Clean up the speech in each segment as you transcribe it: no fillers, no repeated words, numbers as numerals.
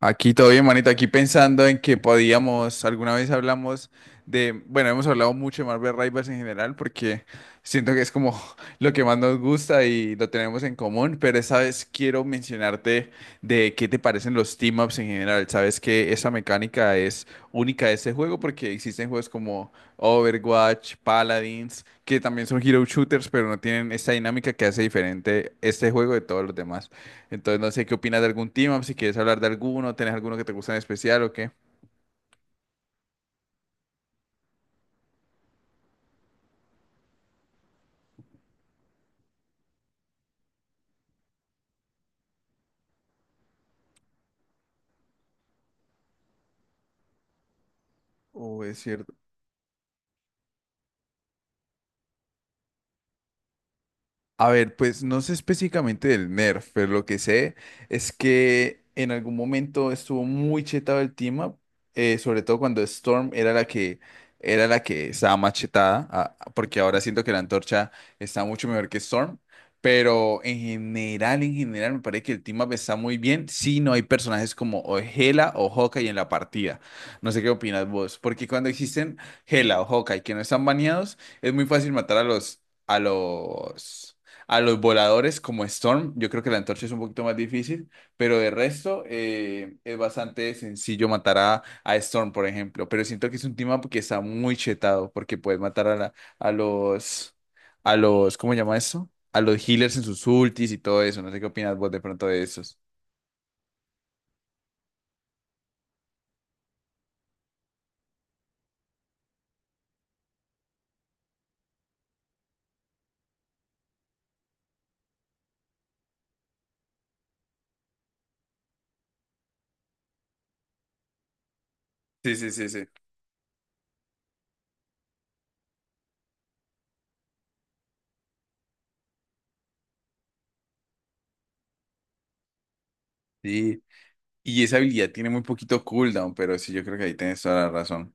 Aquí todo bien, manito. Aquí pensando en que podíamos, alguna vez hablamos de, bueno, hemos hablado mucho de Marvel Rivals en general porque siento que es como lo que más nos gusta y lo tenemos en común, pero esta vez quiero mencionarte de qué te parecen los team-ups en general. Sabes que esa mecánica es única de este juego porque existen juegos como Overwatch, Paladins, que también son hero shooters, pero no tienen esta dinámica que hace diferente este juego de todos los demás. Entonces, no sé qué opinas de algún team up, si quieres hablar de alguno, tenés alguno que te gusta en especial o qué. Oh, es cierto. A ver, pues no sé específicamente del nerf, pero lo que sé es que en algún momento estuvo muy chetado el team up, sobre todo cuando Storm era la que estaba más chetada, porque ahora siento que la antorcha está mucho mejor que Storm, pero en general, me parece que el team up está muy bien si no hay personajes como o Hela o Hawkeye en la partida. No sé qué opinas vos, porque cuando existen Hela o Hawkeye que no están baneados, es muy fácil matar a los a los voladores como Storm, yo creo que la antorcha es un poquito más difícil, pero de resto es bastante sencillo matar a Storm, por ejemplo. Pero siento que es un team up que está muy chetado, porque puedes matar a los, a los, ¿cómo se llama eso? A los healers en sus ultis y todo eso. No sé qué opinas vos de pronto de esos. Sí, sí, sí, sí. Sí. Y esa habilidad tiene muy poquito cooldown, pero sí, yo creo que ahí tienes toda la razón.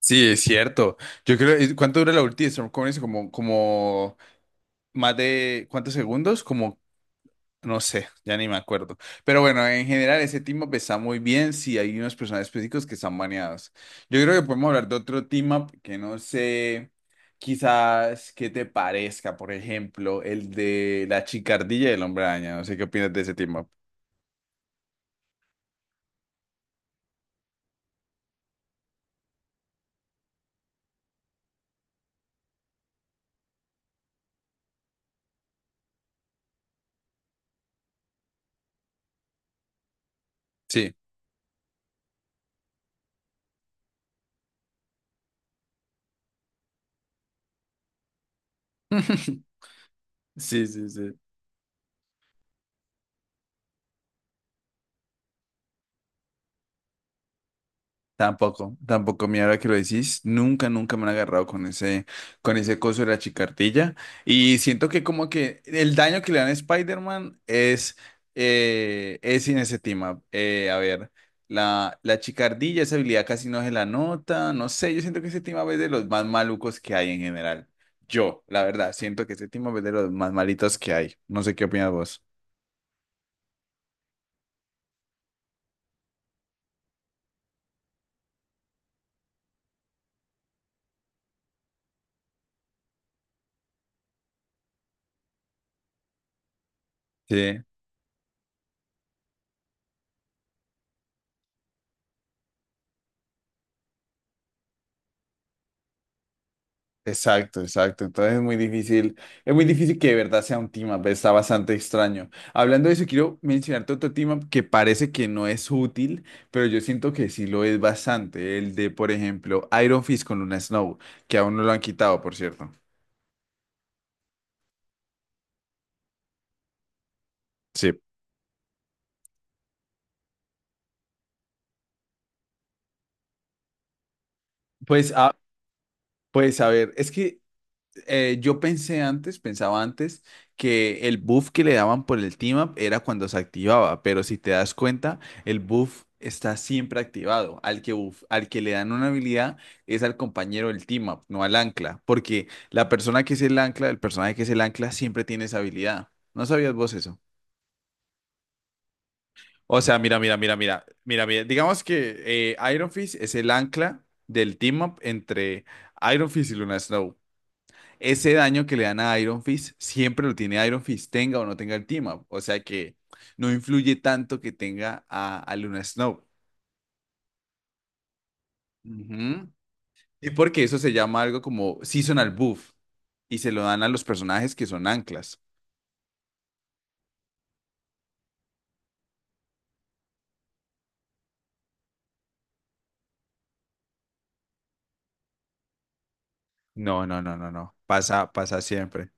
Sí, es cierto. Yo creo, ¿cuánto dura la ulti de Storm? Como más de cuántos segundos, como no sé, ya ni me acuerdo. Pero bueno, en general ese team up está muy bien si hay unos personajes específicos que están baneados. Yo creo que podemos hablar de otro team up que no sé, quizás que te parezca, por ejemplo, el de la chicardilla y el hombre araña. No sé qué opinas de ese team up. Sí. Sí, sí, sí. Tampoco, tampoco, mira, ahora que lo decís, nunca, nunca me han agarrado con ese coso de la chicardilla. Y siento que como que el daño que le dan a Spider-Man es inestimable. A ver, la chicardilla, esa habilidad casi no se la nota, no sé, yo siento que ese team es de los más malucos que hay en general. Yo, la verdad, siento que ese team es de los más malitos que hay. No sé qué opinas vos. Sí. Exacto, exacto. Entonces es muy difícil que de verdad sea un team up, está bastante extraño. Hablando de eso, quiero mencionarte otro team up que parece que no es útil, pero yo siento que sí lo es bastante. El de, por ejemplo, Iron Fist con Luna Snow, que aún no lo han quitado, por cierto. Sí. Pues, ah, pues a ver, es que yo pensaba antes, que el buff que le daban por el team up era cuando se activaba, pero si te das cuenta, el buff está siempre activado. Al que le dan una habilidad es al compañero del team up, no al ancla, porque la persona que es el ancla, el personaje que es el ancla, siempre tiene esa habilidad. ¿No sabías vos eso? O sea, mira, mira, mira, mira, mira, mira. Digamos que Iron Fist es el ancla del team up entre Iron Fist y Luna Snow. Ese daño que le dan a Iron Fist siempre lo tiene Iron Fist, tenga o no tenga el team up. O sea que no influye tanto que tenga a Luna Snow. Ujú. Y porque eso se llama algo como seasonal buff y se lo dan a los personajes que son anclas. No, no, no, no, no. Pasa, pasa siempre.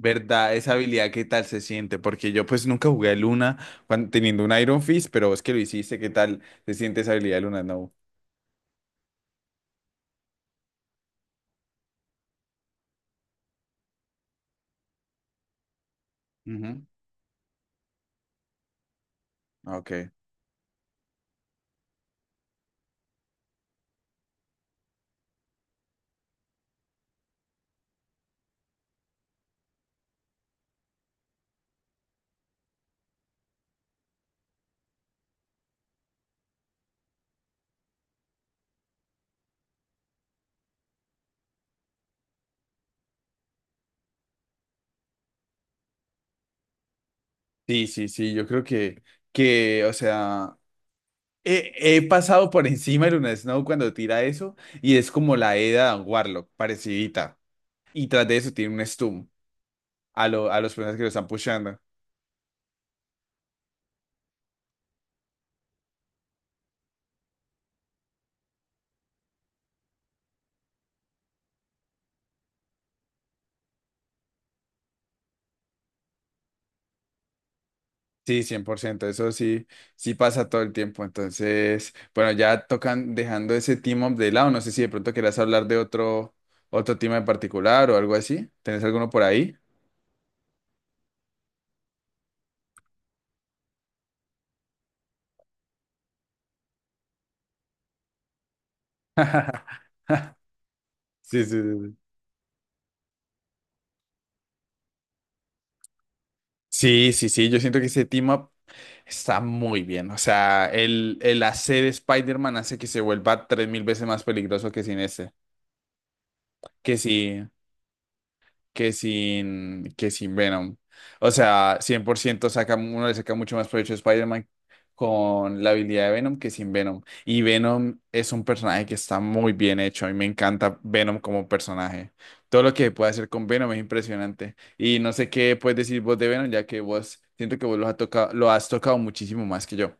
¿Verdad? Esa habilidad, ¿qué tal se siente? Porque yo pues nunca jugué a Luna teniendo un Iron Fist, pero vos que lo hiciste, ¿qué tal se siente esa habilidad de Luna? No. Ujú. Ok. Sí, sí, sí, yo creo que o sea, he pasado por encima de Luna Snow cuando tira eso y es como la Eda Warlock, parecidita. Y tras de eso tiene un stun a los personas que lo están pushando. Sí, 100%. Eso sí, sí pasa todo el tiempo. Entonces, bueno, ya tocan dejando ese team up de lado. No sé si de pronto quieras hablar de otro, team en particular o algo así. ¿Tenés alguno por ahí? Sí, sí, sí. Sí, sí, sí, sí, yo siento que ese team up está muy bien. O sea, el hacer Spider-Man hace que se vuelva 3.000 veces más peligroso que sin ese que si, que sin Venom. O sea, 100% uno le saca mucho más provecho a Spider-Man con la habilidad de Venom que sin Venom. Y Venom es un personaje que está muy bien hecho. A mí me encanta Venom como personaje. Todo lo que puede hacer con Venom es impresionante. Y no sé qué puedes decir vos de Venom, ya que vos siento que vos lo has tocado muchísimo más que yo.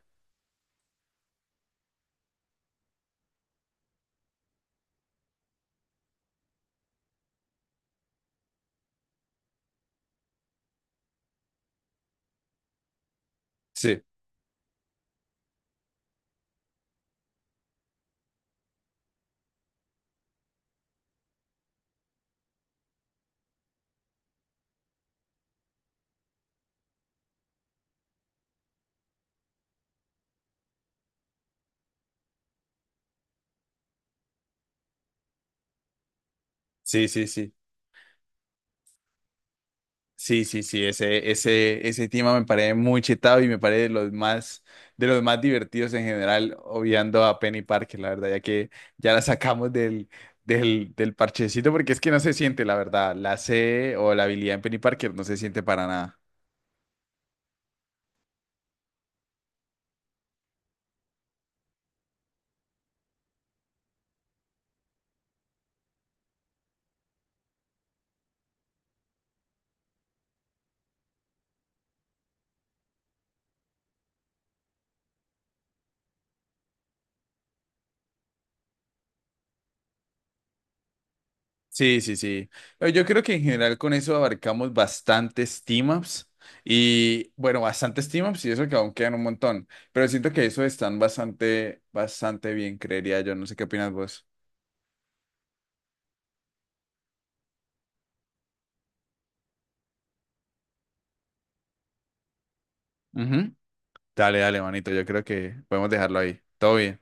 Sí, sí, sí. Sí, sí, sí. Ese tema me parece muy chetado y me parece de los más, divertidos en general, obviando a Penny Parker, la verdad, ya que ya la sacamos del parchecito, porque es que no se siente, la verdad. La C o la habilidad en Penny Parker no se siente para nada. Sí, sí, sí. Yo creo que en general con eso abarcamos bastantes team-ups y bueno, bastantes team-ups y eso que aún quedan un montón, pero siento que eso están bastante, bastante bien, creería yo. No sé qué opinas vos. Ujú. Dale, dale, manito. Yo creo que podemos dejarlo ahí. Todo bien.